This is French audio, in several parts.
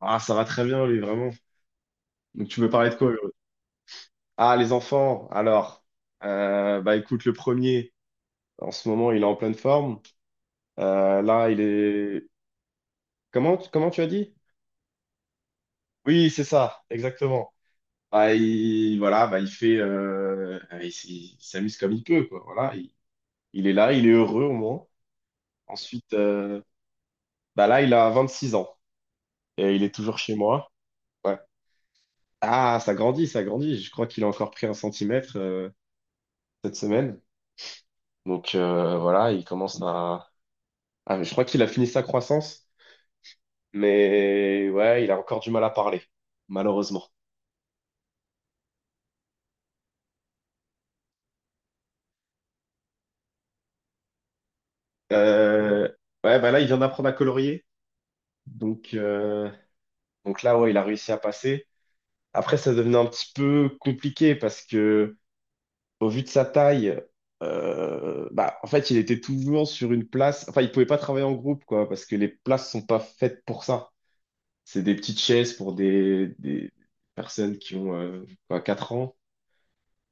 Ah, ça va très bien, lui, vraiment. Donc, tu veux parler de quoi, Hugo? Ah, les enfants. Alors, bah, écoute, le premier, en ce moment, il est en pleine forme. Là, il est. Comment, comment tu as dit? Oui, c'est ça, exactement. Bah, il, voilà, bah, il fait, il s'amuse comme il peut, quoi. Voilà, il est là, il est heureux au moins. Ensuite, bah là, il a 26 ans et il est toujours chez moi. Ouais. Ah, ça grandit, ça grandit. Je crois qu'il a encore pris un centimètre, cette semaine. Donc voilà, il commence à. Ah, je crois qu'il a fini sa croissance, mais ouais, il a encore du mal à parler, malheureusement. Euh, Ouais, bah là, il vient d'apprendre à colorier, donc, euh, donc là, ouais, il a réussi à passer. Après, ça devenait un petit peu compliqué parce que, au vu de sa taille, bah, en fait, il était toujours sur une place. Enfin, il pouvait pas travailler en groupe, quoi, parce que les places sont pas faites pour ça. C'est des petites chaises pour des personnes qui ont quoi, 4 ans.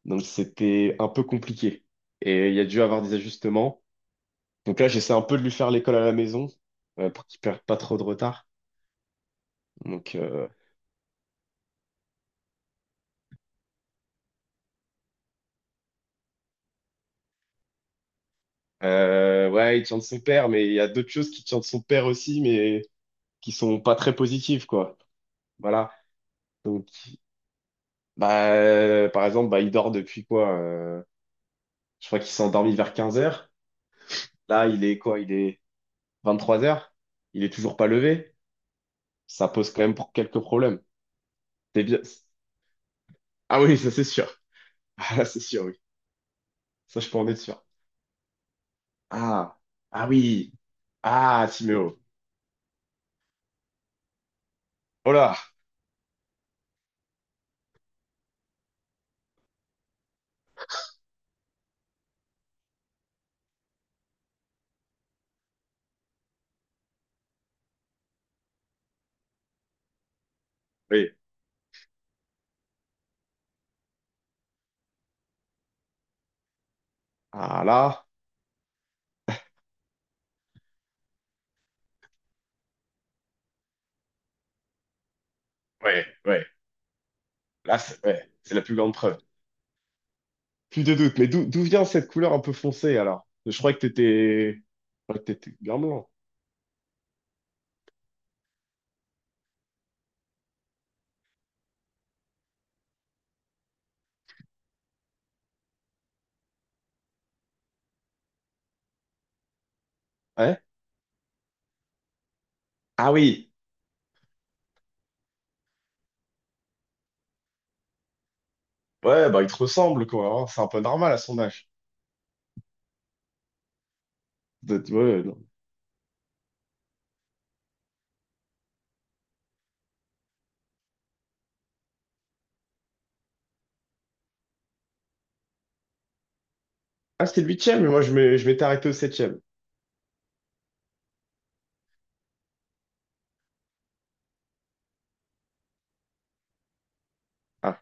Donc c'était un peu compliqué. Et il y a dû avoir des ajustements. Donc là, j'essaie un peu de lui faire l'école à la maison pour qu'il perde pas trop de retard. Donc, ouais, il tient de son père, mais il y a d'autres choses qui tiennent de son père aussi, mais qui sont pas très positives, quoi. Voilà. Donc bah, par exemple, bah il dort depuis quoi? Je crois qu'il s'est endormi vers 15h. Là, il est quoi? Il est 23h. Il est toujours pas levé. Ça pose quand même pour quelques problèmes. C'est bien. Ah oui, ça c'est sûr. Ah, c'est sûr, ok. Ça, je peux en être sûr. Ah, ah oui. Ah, Timéo. Oh là, oui. Ah là, ouais, ouais. Là, c'est ouais, c'est la plus grande preuve. Plus de doute. Mais d'où vient cette couleur un peu foncée alors? Je crois que t'étais bien blanc. Ouais? Ah oui. Ouais, bah il te ressemble quoi, hein. C'est un peu normal à son âge. Ouais, non. Ah, c'était le huitième, mais moi je m'étais arrêté au septième. Ah,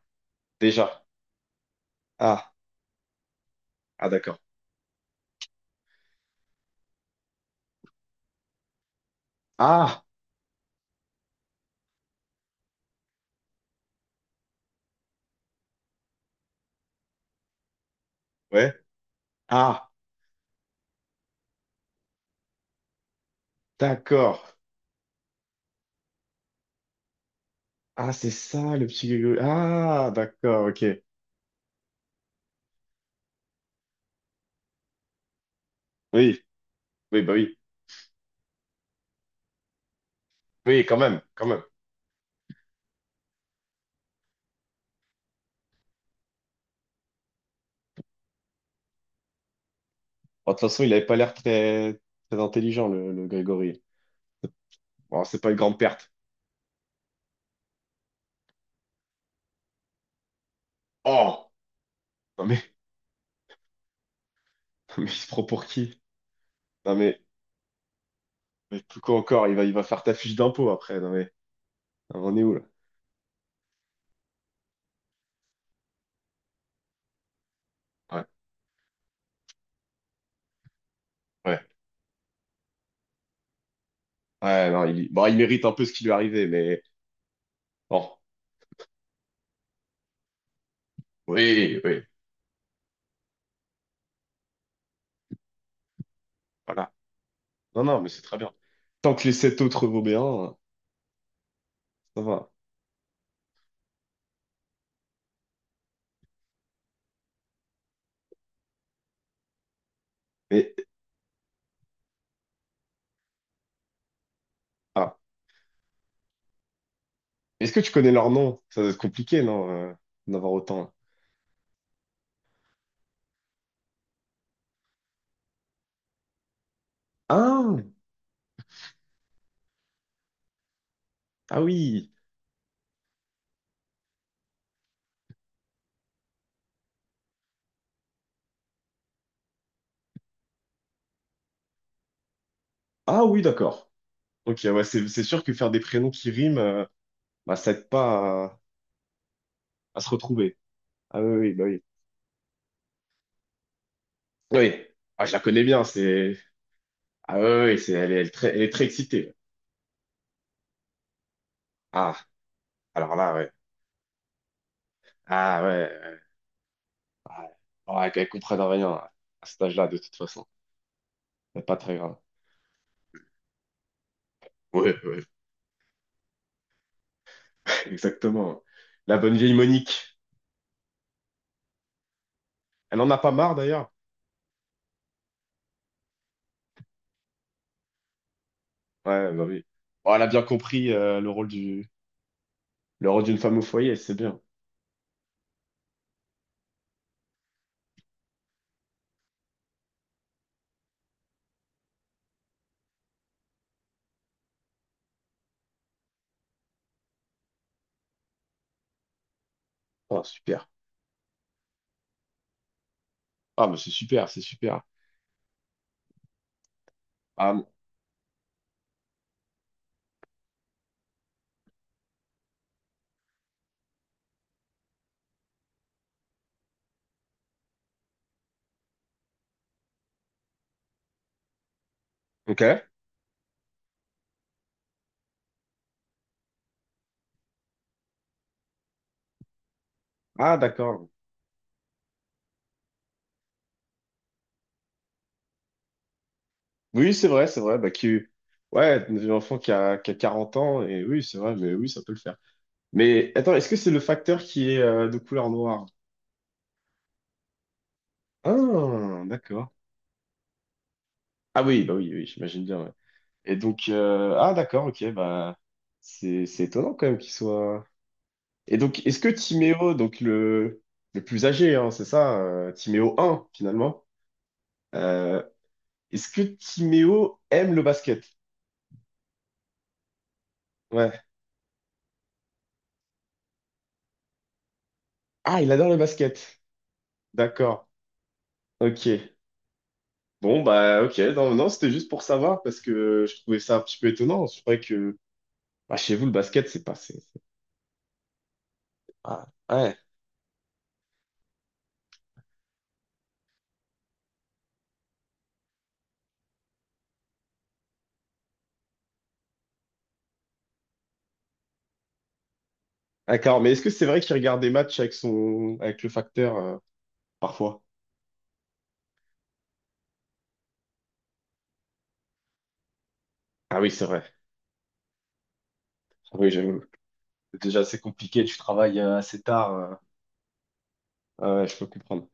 déjà. Ah, ah d'accord. Ah, ouais. Ah, d'accord. Ah, c'est ça, le petit Grégory. Ah, d'accord, ok. Oui, oui, bah oui. Oui, quand même, quand même. Bon, de toute façon, il avait pas l'air très, très intelligent, le Grégory. Bon, c'est pas une grande perte. Oh! Non mais, non mais il se prend pour qui? Non mais plus quoi encore, il va faire ta fiche d'impôt après. Non mais, on est où là? Ouais, ouais. Ouais, non, bon, il mérite un peu ce qui lui est arrivé, mais bon. Oui, oui, voilà. Non, non, mais c'est très bien. Tant que les sept autres vont bien, ça va. Mais, ah, est-ce que tu connais leur nom? Ça doit être compliqué, non, d'en avoir autant. Ah, ah oui. Ah oui, d'accord. Ok, ouais, c'est sûr que faire des prénoms qui riment, bah, ça aide pas à se retrouver. Ah oui, oui, bah oui. Oui. Ah, je la connais bien, c'est. Ah oui, oui, oui, elle est très excitée. Ah, alors là, ouais. Ah ouais. Ouais, ouais. Ouais, qu'elle comprenne rien à cet âge-là, de toute façon. C'est pas très grave. Ouais, ouais, exactement. La bonne vieille Monique. Elle en a pas marre, d'ailleurs. Ouais, bah oui. Bon, elle a bien compris le rôle d'une femme au foyer, c'est bien. Oh, super. Ah, mais c'est super, c'est super. Ah, bon. Ok. Ah, d'accord. Oui, c'est vrai, c'est vrai. Bah, ouais, un enfant qui a 40 ans, et oui, c'est vrai, mais oui, ça peut le faire. Mais attends, est-ce que c'est le facteur qui est de couleur noire? Ah, d'accord. Ah oui, bah oui, oui, j'imagine bien, ouais. Et donc, ah, d'accord, ok, bah, c'est étonnant quand même qu'il soit. Et donc, est-ce que Timéo, donc le plus âgé, hein, c'est ça, Timéo un finalement, euh, est-ce que Timéo aime le basket? Ouais. Ah, il adore le basket. D'accord. Ok. Bon, bah, ok. Non, non, c'était juste pour savoir parce que je trouvais ça un petit peu étonnant. C'est vrai que bah, chez vous, le basket, c'est pas. Ah, ouais. D'accord. Mais est-ce que c'est vrai qu'il regarde des matchs avec avec le facteur parfois? Ah oui, c'est vrai. Ah, Oui, j'avoue. C'est compliqué. Tu travailles assez tard. Ah ouais, je peux comprendre.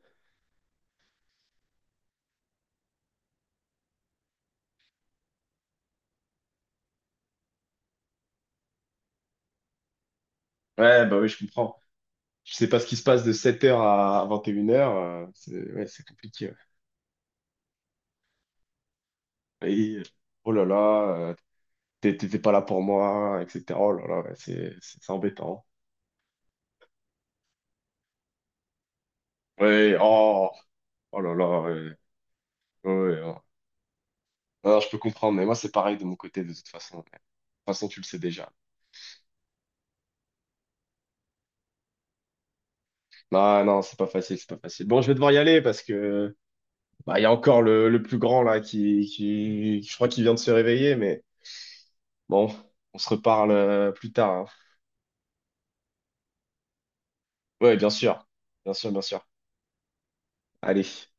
Ouais, bah oui, je comprends. Je sais pas ce qui se passe de 7h à 21h. C'est Ouais, c'est compliqué. Ouais. Et, oh là là, t'étais pas là pour moi, etc. Oh là là, ouais, c'est embêtant. Ouais, oh, oh là là. Ouais, ouais, ouais. Oh. Non, je peux comprendre, mais moi, c'est pareil de mon côté, de toute façon. Ouais. De toute façon, tu le sais déjà. Non, non, c'est pas facile, c'est pas facile. Bon, je vais devoir y aller parce que bah, il y a encore le plus grand là je crois qu'il vient de se réveiller, mais bon, on se reparle plus tard, hein. Ouais, bien sûr. Bien sûr, bien sûr. Allez.